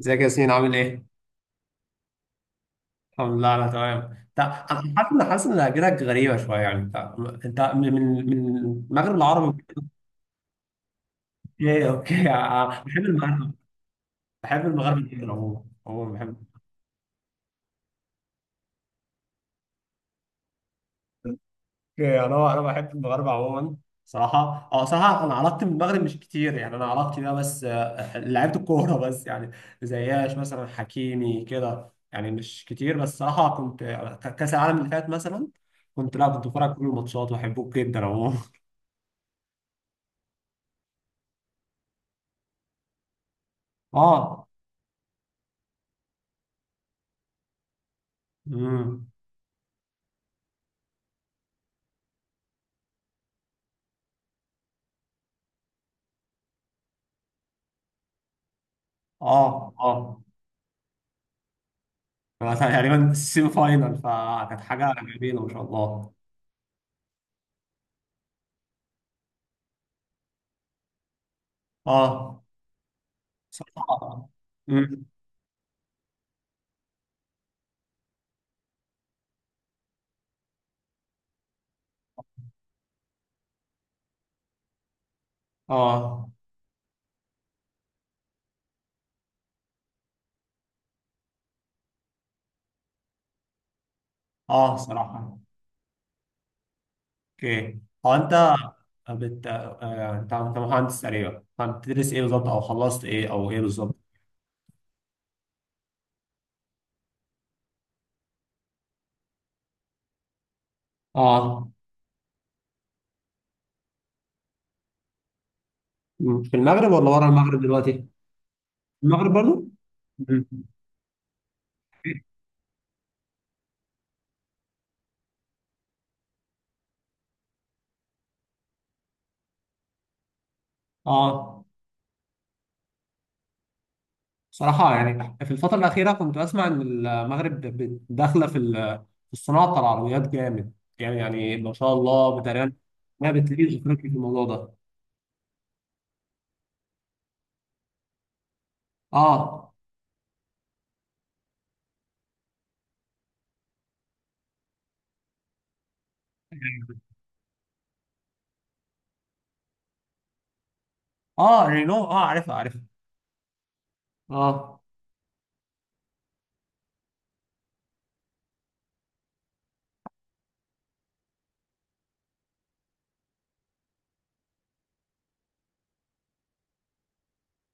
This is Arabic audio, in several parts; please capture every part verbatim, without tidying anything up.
ازيك يا ياسين عامل ايه؟ الحمد لله انا تمام. طب انا حاسس ان حاسس ان اجرك غريبه شويه يعني. انت انت من من من المغرب العربي. اوكي اوكي اه، بحب المغرب. بحب المغرب جدا عموما، عموما بحب اوكي، انا انا بحب المغرب عموما. صراحه، اه صراحه انا علاقتي بالمغرب مش كتير، يعني انا علاقتي بيها بس اه، لعيبه الكوره بس يعني. زياش مثلا، حكيمي كده، يعني مش كتير، بس صراحه كنت اه، كاس العالم اللي فات مثلا كنت، لا كنت بتفرج على كل الماتشات واحبه جدا عموما. اه. امم. اه اه. هو تقريبا السيمي فاينال، فكانت حاجه جميله ما شاء الله. اه صراحه. امم. اه اه صراحه. اوكي. هو انت بت... آه، انت انت مهندس تقريبا، فانت بتدرس ايه بالظبط، او خلصت ايه، او ايه بالظبط؟ اه. مم. في المغرب ولا ورا المغرب دلوقتي؟ المغرب برضو. مم. اه صراحة، يعني في الفترة الأخيرة كنت أسمع إن المغرب ب- ب- داخلة في ال- في الصناعة بتاع العربيات جامد. يعني يعني ما شاء الله بتهيألي ما بتليش أفريقيا في الموضوع ده. آه آه رينو، آه عارفها عارفها. آه.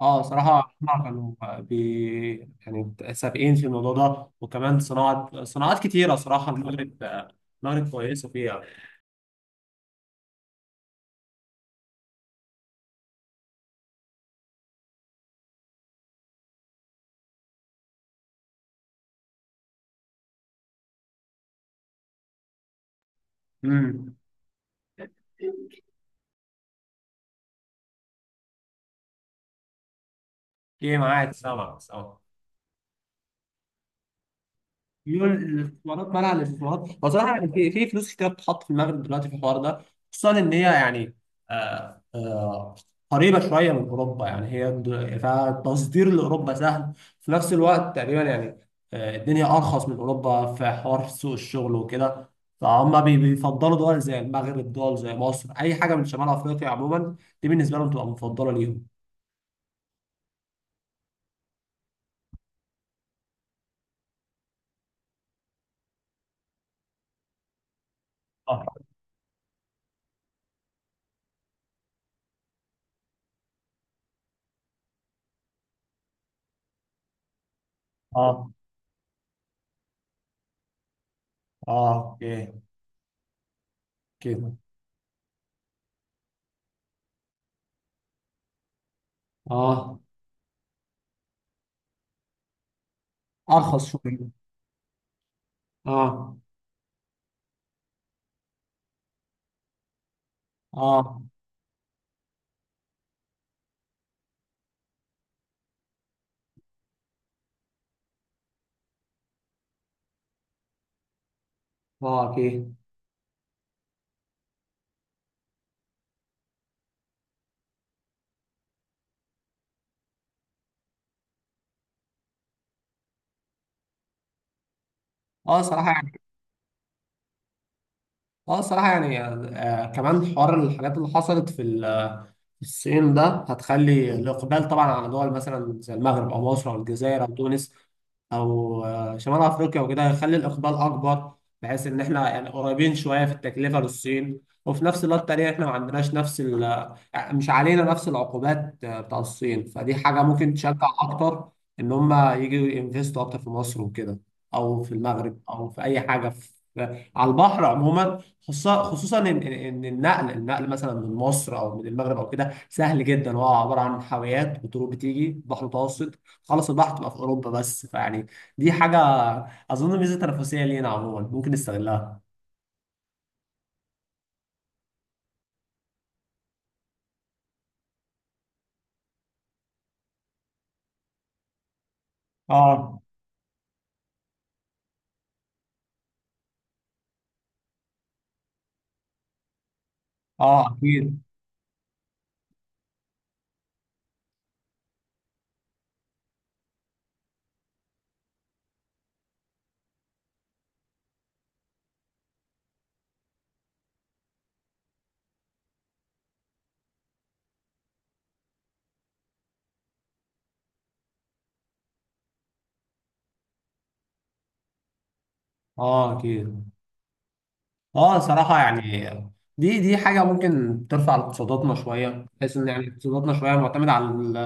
آه صراحة هما كانوا بي يعني سابقين في الموضوع ده، وكمان صناعة، صناعات كتيرة صراحة المغرب، المغرب كويسة فيها. امم. إيه، معاك سامع سامع. ميول الاستثمارات، منع الاستثمارات، هو صراحه يعني في في فلوس كتير بتتحط في المغرب دلوقتي في الحوار ده. خصوصا ان هي يعني، آه آه، قريبه شويه من اوروبا، يعني هي د- فالتصدير لاوروبا سهل. في نفس الوقت تقريبا يعني آه الدنيا ارخص من اوروبا في حوار سوق الشغل وكده. فهم بي- بيفضلوا دول زي المغرب، دول زي مصر، اي حاجه من شمال افريقيا عموما. دي بالنسبه لهم تبقى مفضله ليهم. اه. اه. اه. اوكي. كده. اه. ارخص شويه. اه. اه. اه اكيد. اه صراحه يعني. اه صراحه يعني آه كمان حوار الحاجات اللي حصلت في ال الصين ده هتخلي الإقبال طبعا على دول مثلا زي المغرب أو مصر أو الجزائر أو تونس أو آه، شمال أفريقيا وكده، هيخلي الإقبال أكبر. بحيث إن إحنا يعني قريبين شوية في التكلفة للصين، وفي نفس الوقت التانية إحنا ما عندناش نفس ال آه، مش علينا نفس العقوبات آه، بتاع الصين، فدي حاجة ممكن تشجع أكتر إن هما يجوا ينفستوا أكتر في مصر وكده، أو في المغرب، أو في أي حاجة في آه، على البحر عموما. خصوصا خصوصا إن إن- إن النقل، النقل مثلا من مصر أو من المغرب أو كده سهل جدا، هو عباره عن حاويات وطرق بتيجي بحر متوسط، خلص البحر تبقى في اوروبا بس، فيعني دي حاجه اظن ميزه تنافسيه لينا عموما ممكن نستغلها. اه. اه اكيد. اه اكيد. اه صراحة يعني دي دي حاجة ممكن ترفع اقتصاداتنا شوية، بحيث ان يعني اقتصاداتنا شوية معتمدة على ال-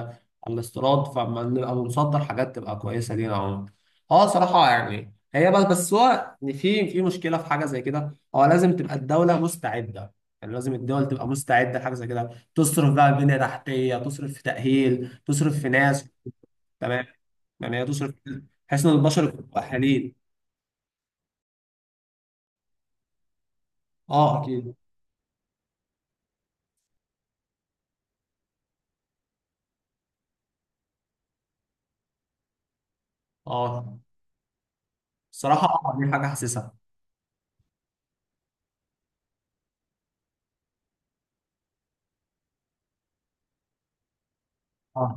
على الاستيراد، فما نبقى بنصدر حاجات تبقى كويسة لينا عموما. اه صراحة يعني، هي بس بس هو إن في في مشكلة في حاجة زي كده، هو لازم تبقى الدولة مستعدة، يعني لازم الدول تبقى مستعدة لحاجة زي كده، تصرف بقى بنية تحتية، تصرف في تأهيل، تصرف في ناس. تمام. يعني هي تصرف بحيث ان البشر يبقوا مؤهلين. اه اكيد. اه الصراحة آه، دي حاجة حاسسها. اه.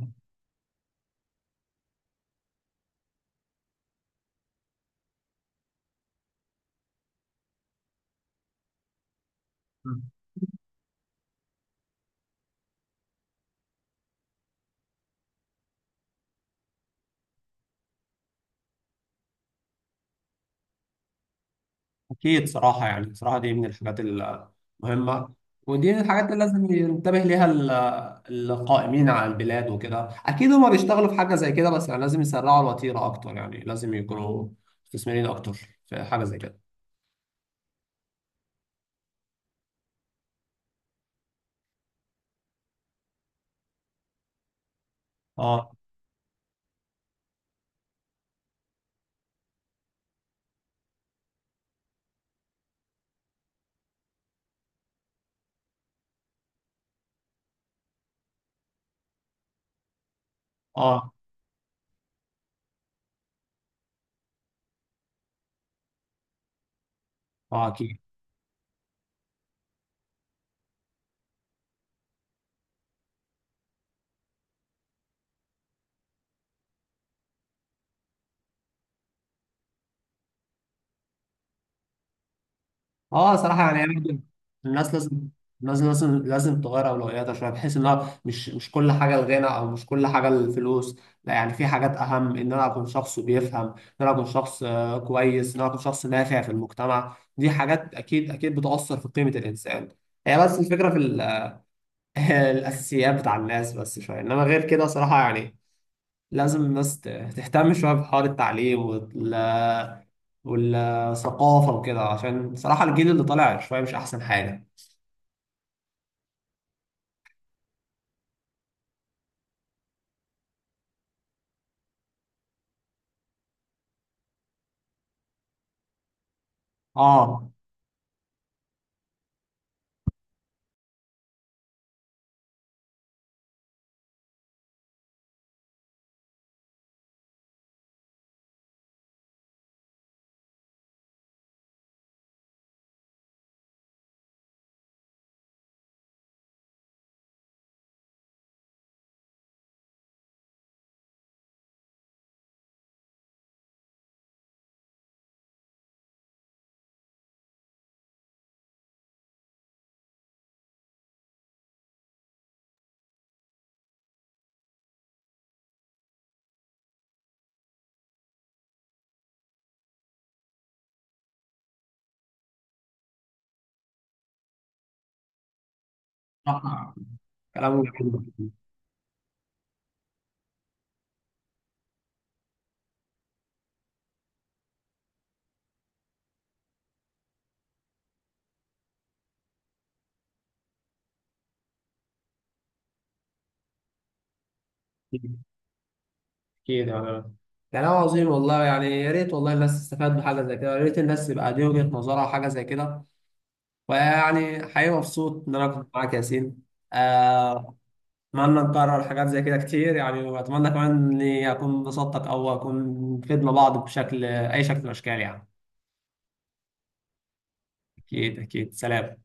أكيد صراحة يعني، صراحة دي من الحاجات المهمة، ودي من الحاجات اللي لازم ينتبه ليها ال- القائمين على البلاد وكده. أكيد هما بيشتغلوا في حاجة زي كده، بس يعني لازم يسرعوا الوتيرة أكتر، يعني لازم يكونوا مستثمرين أكتر في حاجة زي كده. اه. اه. اه أكيد. اه صراحه يعني، يعني برضه الناس لازم، لازم لازم لازم تغير اولوياتها شويه، بحيث ان هو مش مش كل حاجه الغنى، او مش كل حاجه الفلوس، لا. يعني في حاجات اهم، ان انا اكون شخص بيفهم، ان انا اكون شخص آه، كويس، ان انا اكون شخص نافع في المجتمع. دي حاجات اكيد اكيد بتاثر في قيمه الانسان. هي بس الفكره في ال- الاساسيات بتاع الناس بس شويه، انما غير كده صراحه يعني لازم الناس ت- تهتم شويه بحوار التعليم وال والثقافة وكده، عشان صراحة الجيل اللي طالع شوية مش أحسن حاجة. اه. صح، كلام جميل. أكيد يعني، كلام عظيم والله، يعني يا ريت والله الناس تستفاد بحاجة زي كده، يا ريت الناس يبقى دي وجهة نظرها حاجة زي كده. ويعني حقيقي مبسوط إن أنا كنت معاك يا ياسين. آه، أتمنى نكرر حاجات زي كده كتير يعني، وأتمنى كمان إني أكون بسطتك، أو أكون فدنا بعض بشكل أي شكل من الأشكال يعني. أكيد أكيد سلام.